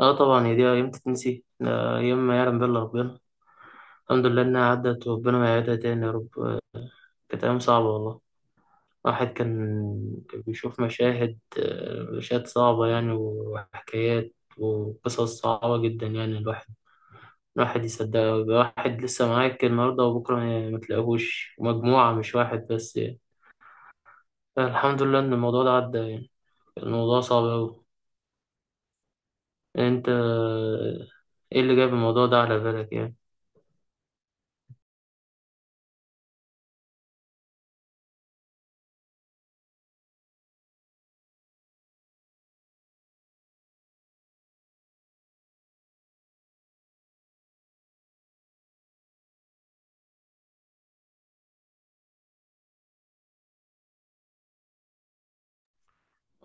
اه، طبعا هي دي ايام تتنسي ايام ما يعلم بالله ربنا. الحمد لله انها عدت وربنا ما يعيدها تاني يا رب كانت ايام صعبة والله. الواحد كان بيشوف مشاهد مشاهد صعبة يعني، وحكايات وقصص صعبة جدا. يعني الواحد يصدقها، يبقى واحد لسه معاك النهاردة وبكرة ما تلاقيهوش، مجموعة مش واحد بس يعني. الحمد لله ان الموضوع ده عدى يعني، الموضوع صعب اوي. انت ايه اللي جاب الموضوع ده على بالك يعني؟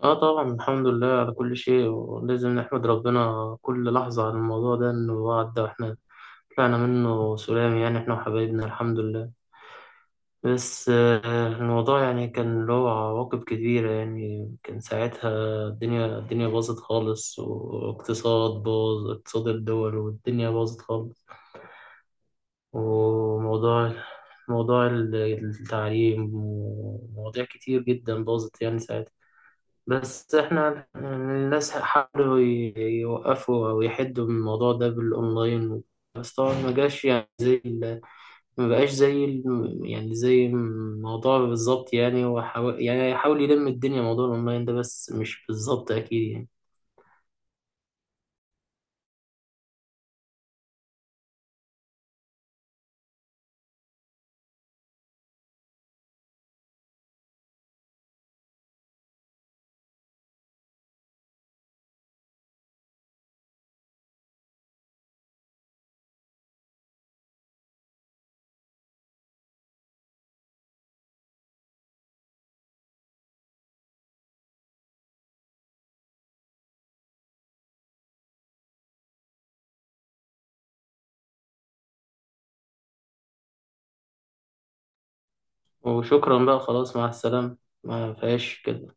اه طبعا، الحمد لله على كل شيء، ولازم نحمد ربنا كل لحظة على الموضوع ده انه هو عدى واحنا طلعنا منه سلام، يعني احنا وحبايبنا الحمد لله. بس الموضوع يعني كان له عواقب كبيرة، يعني كان ساعتها الدنيا باظت خالص، واقتصاد باظ، اقتصاد الدول والدنيا باظت خالص. وموضوع موضوع التعليم ومواضيع كتير جدا باظت يعني ساعتها. بس احنا الناس حاولوا يوقفوا او يحدوا من الموضوع ده بالاونلاين، بس طبعا ما جاش يعني زي ما بقاش زي يعني زي الموضوع بالظبط يعني، وحاول يعني يحاول يلم الدنيا موضوع الاونلاين ده، بس مش بالظبط اكيد يعني. وشكرا بقى، خلاص مع السلامة، ما فيهاش كده.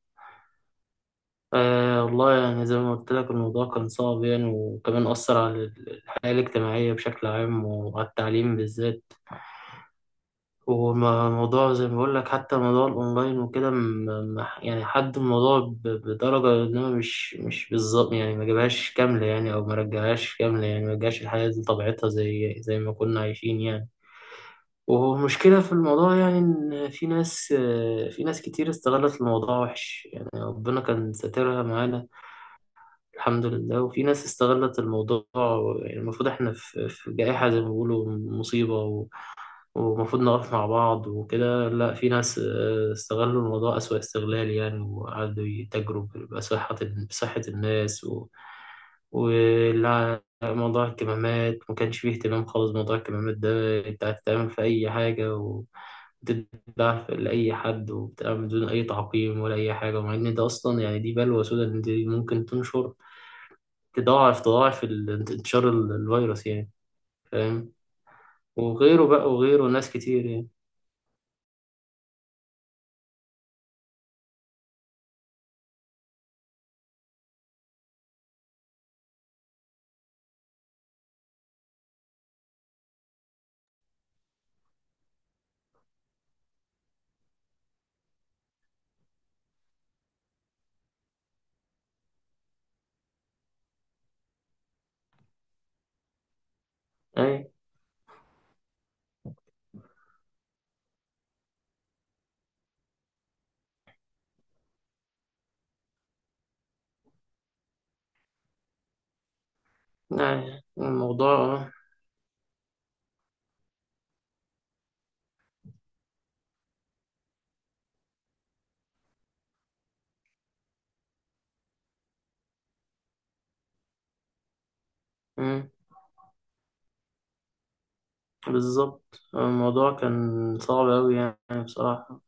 آه والله يعني زي ما قلت لك الموضوع كان صعب يعني، وكمان أثر على الحياة الاجتماعية بشكل عام وعلى التعليم بالذات. وموضوع زي ما بقول لك، حتى موضوع الاونلاين وكده يعني حد الموضوع بدرجه، انما مش بالظبط يعني، ما جابهاش كامله يعني، او ما رجعهاش كامله يعني، ما رجعش الحياه دي طبيعتها زي ما كنا عايشين يعني. ومشكله في الموضوع يعني ان في ناس، في ناس كتير استغلت الموضوع وحش يعني، ربنا كان ساترها معانا الحمد لله. وفي ناس استغلت الموضوع، يعني المفروض احنا في جائحه زي ما بيقولوا، مصيبه، ومفروض نقف مع بعض وكده. لا، في ناس استغلوا الموضوع أسوأ استغلال يعني، وقعدوا يتاجروا بصحة، الناس و... ولا موضوع الكمامات ما كانش فيه اهتمام خالص. موضوع الكمامات ده انت هتتعمل في أي حاجة و... بتتباع لأي حد، وبتتعمل بدون أي تعقيم ولا أي حاجة، ومع إن ده أصلا يعني دي بلوى سودا، إن دي ممكن تنشر، تضاعف انتشار الفيروس يعني. فاهم؟ وغيره بقى وغيره، ناس كتير يعني. أيوة. يعني الموضوع مم، بالظبط الموضوع كان صعب أوي يعني، بصراحة.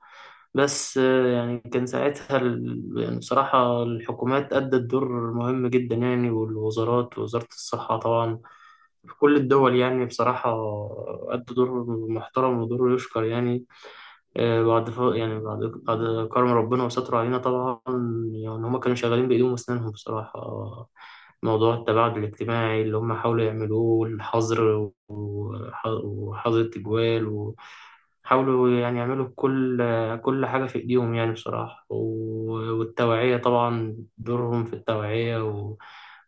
بس يعني كان ساعتها يعني بصراحة الحكومات أدت دور مهم جدا يعني، والوزارات ووزارة الصحة طبعا في كل الدول يعني، بصراحة أدوا دور محترم ودور يشكر يعني. آه، بعد ف... يعني بعد كرم ربنا وستر علينا طبعا، يعني هما كانوا شغالين بإيديهم وأسنانهم بصراحة. موضوع التباعد الاجتماعي اللي هم حاولوا يعملوه، والحظر، وحاطط أجوال، وحاولوا يعني يعملوا كل حاجة في إيديهم يعني، بصراحة. و- والتوعية طبعا، دورهم في التوعية و...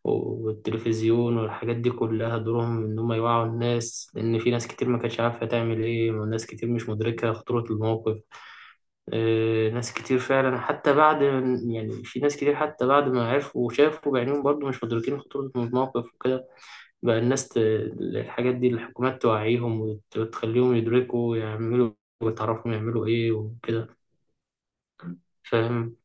والتلفزيون والحاجات دي كلها، دورهم إن هم يوعوا الناس، لأن في ناس كتير ما كانتش عارفة تعمل إيه، وناس كتير مش مدركة خطورة الموقف. ناس كتير فعلا حتى بعد، يعني في ناس كتير حتى بعد ما عرفوا وشافوا بعينيهم برضو مش مدركين خطورة الموقف. بقى الناس ت... الحاجات دي الحكومات توعيهم، وتخليهم يدركوا يعملوا، وتعرفهم يعملوا ايه وكده. فاهم؟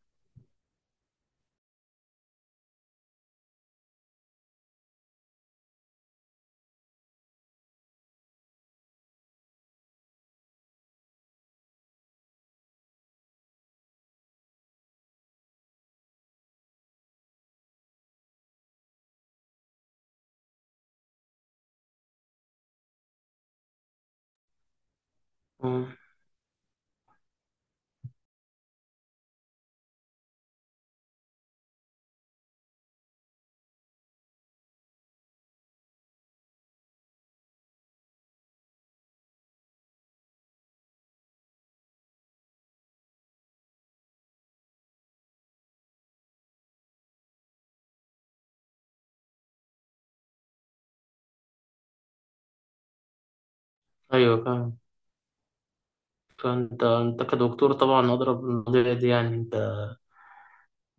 مم. ايوه فاهم. فانت كدكتور طبعا اضرب المواضيع دي، يعني انت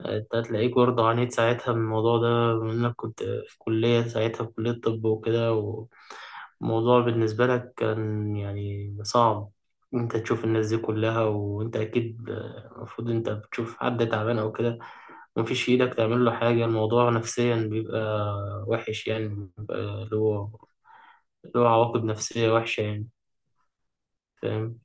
انت هتلاقيك برضه عانيت ساعتها من الموضوع ده، بما انك كنت في كلية ساعتها، في كلية طب وكده، والموضوع بالنسبة لك كان يعني صعب. انت تشوف الناس دي كلها، وانت اكيد المفروض انت بتشوف حد تعبان او كده، مفيش في ايدك تعمل له حاجة، الموضوع نفسيا بيبقى وحش يعني، بيبقى له له عواقب نفسية وحشة يعني. فاهم؟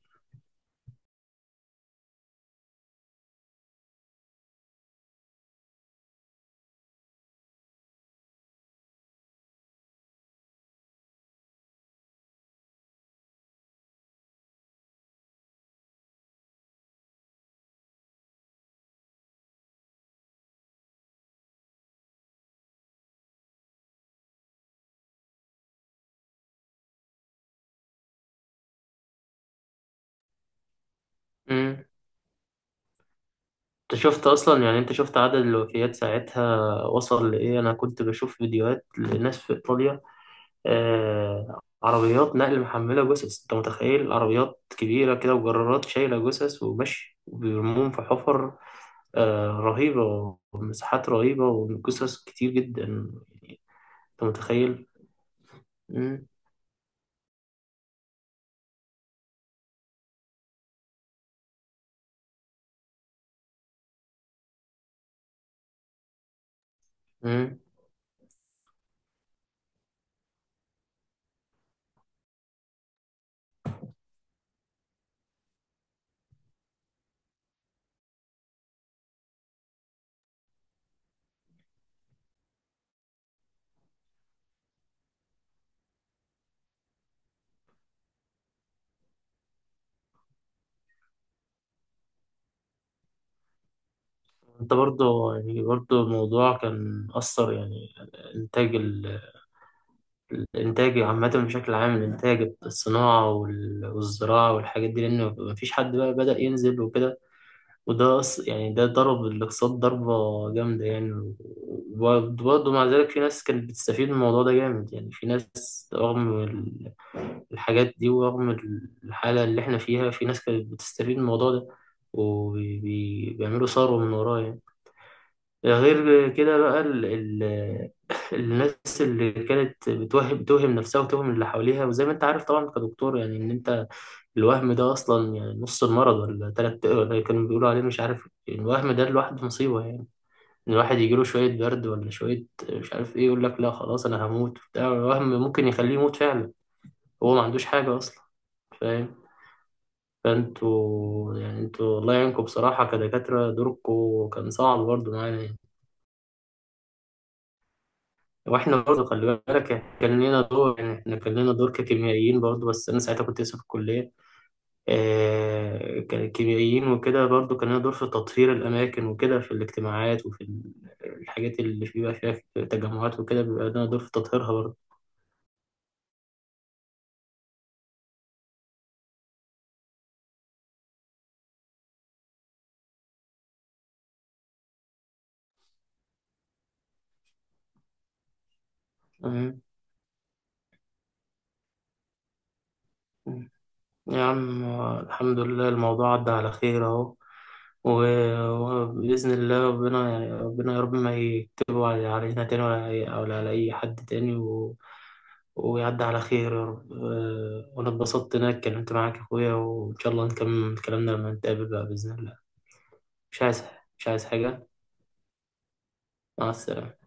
مم. انت شفت اصلا يعني، انت شفت عدد الوفيات ساعتها وصل لايه؟ انا كنت بشوف فيديوهات لناس في ايطاليا، آه عربيات نقل محملة جثث، انت متخيل؟ عربيات كبيرة كده وجرارات شايلة جثث وماشي وبيرموهم في حفر، آه رهيبة، ومساحات رهيبة وجثث كتير جدا يعني، انت متخيل. مم. مم. انت برضه يعني، برضه الموضوع كان أثر يعني إنتاج الإنتاج عامة، بشكل عام، الإنتاج، الصناعة والزراعة والحاجات دي، لأن مفيش حد بقى بدأ ينزل وكده، وده أص- يعني ده ضرب الاقتصاد ضربة جامدة يعني. وبرضه مع ذلك في ناس كانت بتستفيد من الموضوع ده جامد يعني، في ناس رغم الحاجات دي ورغم الحالة اللي احنا فيها، في ناس كانت بتستفيد من الموضوع ده وبيعملوا ثروة من وراه يعني. غير كده بقى ال الناس اللي كانت بتوهم نفسها وتوهم اللي حواليها، وزي ما انت عارف طبعا كدكتور، يعني ان انت الوهم ده اصلا يعني نص المرض، ولا تلات، ولا كانوا بيقولوا عليه مش عارف، الوهم ده لوحده مصيبة يعني. ان الواحد يجيله شوية برد ولا شوية مش عارف ايه، يقول لك لا خلاص انا هموت، بتاع الوهم ممكن يخليه يموت فعلا، هو ما عندوش حاجة اصلا. فاهم؟ فانتوا يعني انتوا الله يعينكم بصراحة كدكاترة، دوركم كان صعب برضه معانا يعني. واحنا برضه خلي بالك كان لنا دور يعني، احنا كان لنا دور ككيميائيين برضه، بس انا ساعتها كنت لسه في الكليه، آه ككيميائيين وكده، برضه كان لنا دور في تطهير الاماكن وكده، في الاجتماعات وفي الحاجات اللي بيبقى فيها تجمعات وكده، بيبقى لنا دور في تطهيرها برضه. آه. يا عم الحمد لله الموضوع عدى على خير اهو. و- وبإذن الله ربنا، ربنا يا رب ما يكتبه على- علينا تاني، ولا على ولا على أي حد تاني و... ويعدي على خير يا رب. وأنا اتبسطت إن أنا اتكلمت معاك يا أخويا، وإن شاء الله نكمل كلامنا لما نتقابل بقى بإذن الله. مش عايز، مش عايز حاجة. مع السلامة.